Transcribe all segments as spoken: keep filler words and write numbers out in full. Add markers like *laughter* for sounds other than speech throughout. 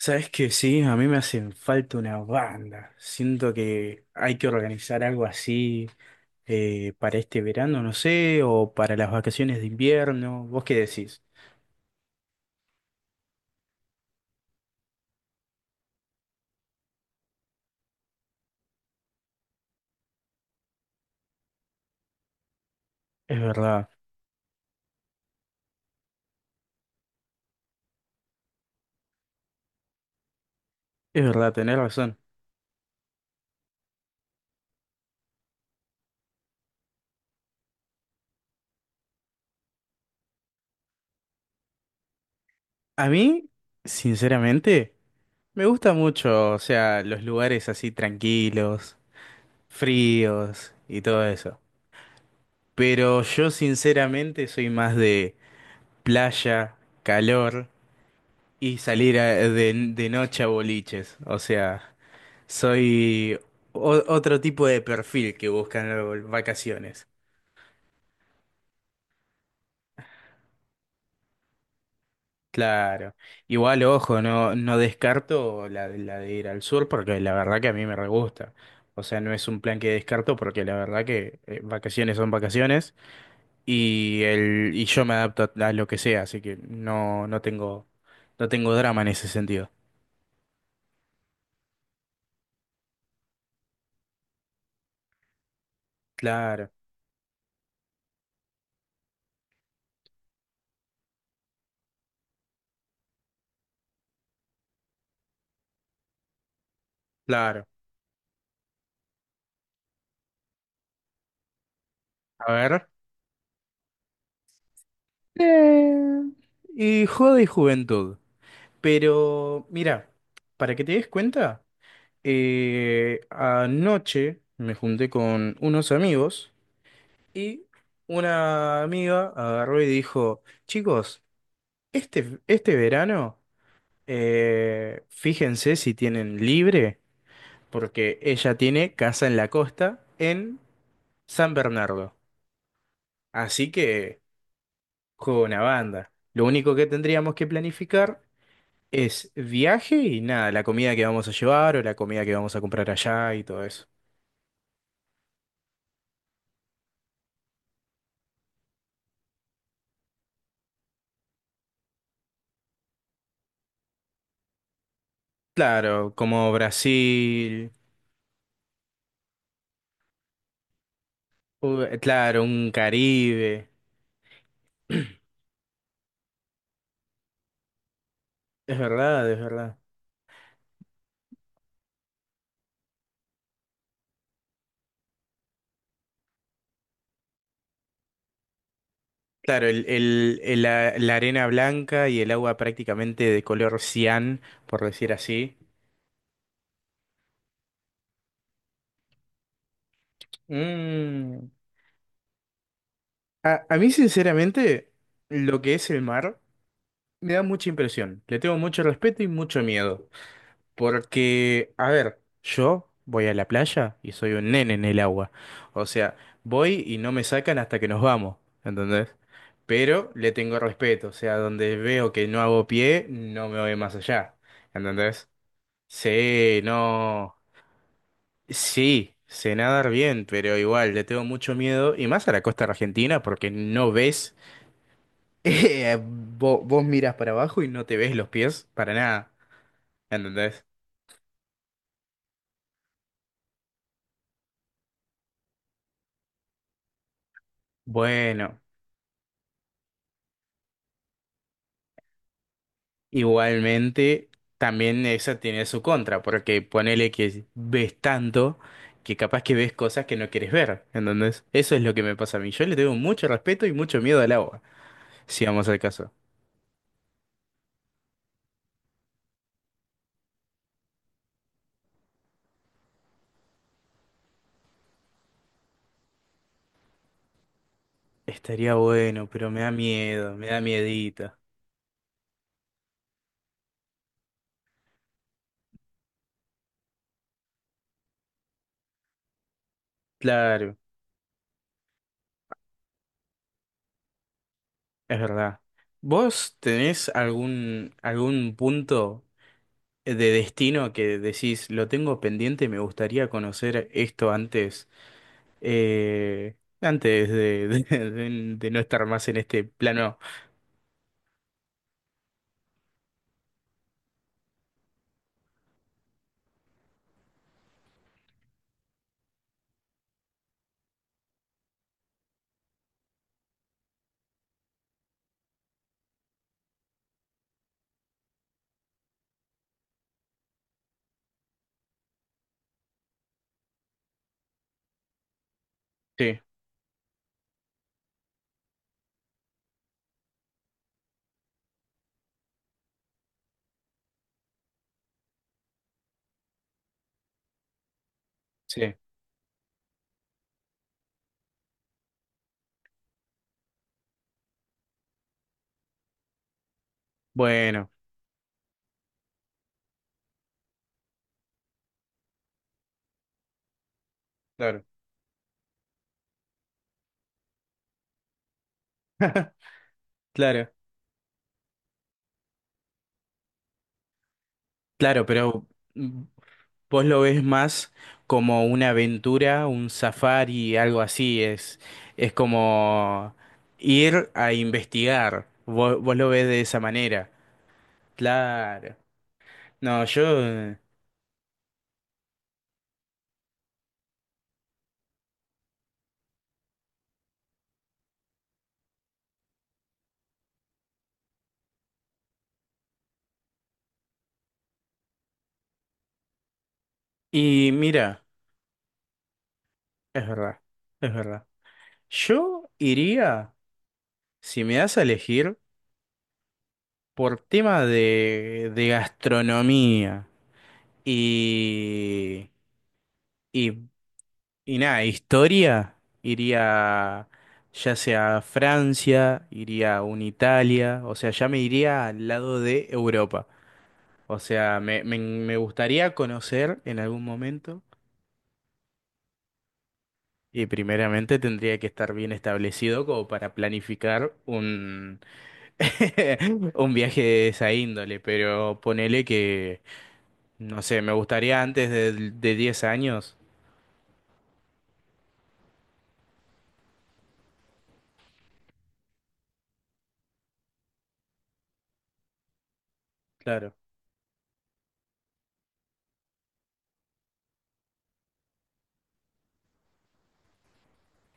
Sabes que sí, a mí me hacen falta una banda. Siento que hay que organizar algo así eh, para este verano, no sé, o para las vacaciones de invierno. ¿Vos qué decís? Es verdad, es verdad, tenés razón. A mí, sinceramente, me gusta mucho, o sea, los lugares así tranquilos, fríos y todo eso. Pero yo sinceramente soy más de playa, calor y salir a- de, de noche a boliches, o sea. Soy o- otro tipo de perfil que buscan las vacaciones. Claro. Igual, ojo, no, no descarto la, la de ir al sur porque la verdad que a mí me re gusta. O sea, no es un plan que descarto porque la verdad que eh, vacaciones son vacaciones y, el, y yo me adapto a, a lo que sea, así que no, no tengo, no tengo drama en ese sentido. Claro, claro. A ver. Eh, y joda y juventud. Pero mira, para que te des cuenta, eh, anoche me junté con unos amigos y una amiga agarró y dijo, chicos, este, este verano, eh, fíjense si tienen libre, porque ella tiene casa en la costa en San Bernardo. Así que, juego una banda. Lo único que tendríamos que planificar es viaje y nada, la comida que vamos a llevar o la comida que vamos a comprar allá y todo eso. Claro, como Brasil, u- eh, claro, un Caribe. Es verdad, es verdad. Claro, el, el- el- la, la arena blanca y el agua prácticamente de color cian, por decir así. Mm. A, a mí, sinceramente, lo que es el mar me da mucha impresión. Le tengo mucho respeto y mucho miedo. Porque, a ver, yo voy a la playa y soy un nene en el agua. O sea, voy y no me sacan hasta que nos vamos, ¿entendés? Pero le tengo respeto, o sea, donde veo que no hago pie, no me voy más allá, ¿entendés? Sí. No, sí, sé nadar bien, pero igual le tengo mucho miedo, y más a la costa argentina, porque no ves, *laughs* eh, vo- vos miras para abajo y no te ves los pies para nada, ¿entendés? Bueno. Igualmente, también esa tiene su contra, porque ponele que ves tanto que capaz que ves cosas que no quieres ver, entonces eso es lo que me pasa a mí. Yo le tengo mucho respeto y mucho miedo al agua, si vamos al caso. Estaría bueno, pero me da miedo, me da miedito. Claro, es verdad. ¿Vos tenés algún, algún punto de destino que decís, lo tengo pendiente, me gustaría conocer esto antes? eh, antes de, *laughs* de, de- de no estar más en este plano. Sí, sí. Bueno, claro. *laughs* Claro, claro, pero mm, vos lo ves más como una aventura, un safari, algo así. Es, es como ir a investigar. Vos, vos lo ves de esa manera. Claro. No, yo... Y mira, es verdad, es verdad. Yo iría, si me das a elegir, por tema de, de gastronomía y, y, y nada, historia, iría ya sea a Francia, iría a un Italia, o sea, ya me iría al lado de Europa. O sea, me, me, me gustaría conocer en algún momento y primeramente tendría que estar bien establecido como para planificar un, *laughs* un viaje de esa índole, pero ponele que... No sé, me gustaría antes de, de diez años. Claro.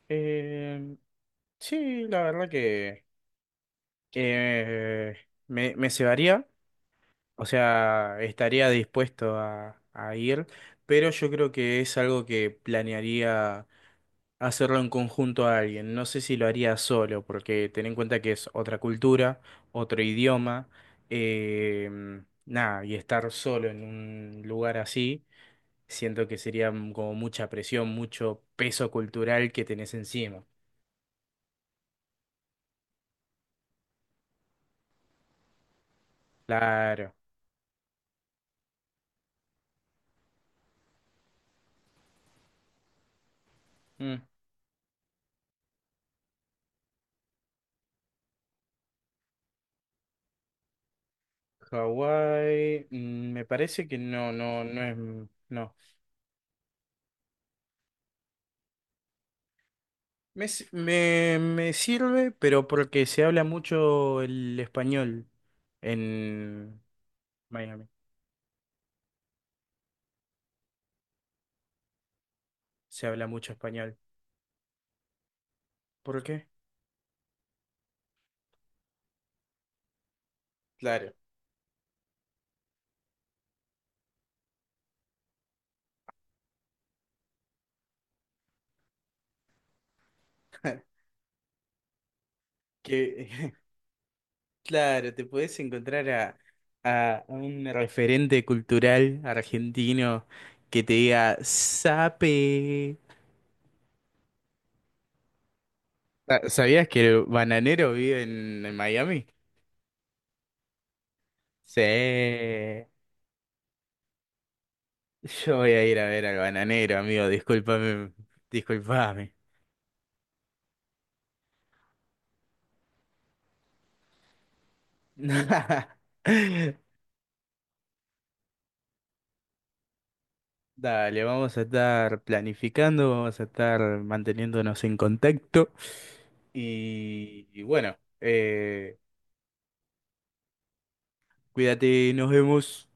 Eh, sí, la verdad que eh, me, me cebaría, o sea, estaría dispuesto a, a ir, pero yo creo que es algo que planearía hacerlo en conjunto a alguien. No sé si lo haría solo, porque ten en cuenta que es otra cultura, otro idioma, eh, nada, y estar solo en un lugar así. Siento que sería mm, como mucha presión, mucho peso cultural que tenés encima. Claro. Mm. Hawái, mm, me parece que no, no, no es, mm, no. Me, s- me, me sirve, pero porque se habla mucho el español en Miami. Se habla mucho español. ¿Por qué? Claro. *laughs* Que *laughs* claro, te puedes encontrar a, a a un referente cultural argentino que te diga sape. Ah, ¿sabías que el bananero vive en, en Miami? Sí. Yo voy a ir a ver al bananero, amigo. Discúlpame, discúlpame. *laughs* Dale, vamos a estar planificando, vamos a estar manteniéndonos en contacto. Y, y bueno, eh, cuídate, nos vemos.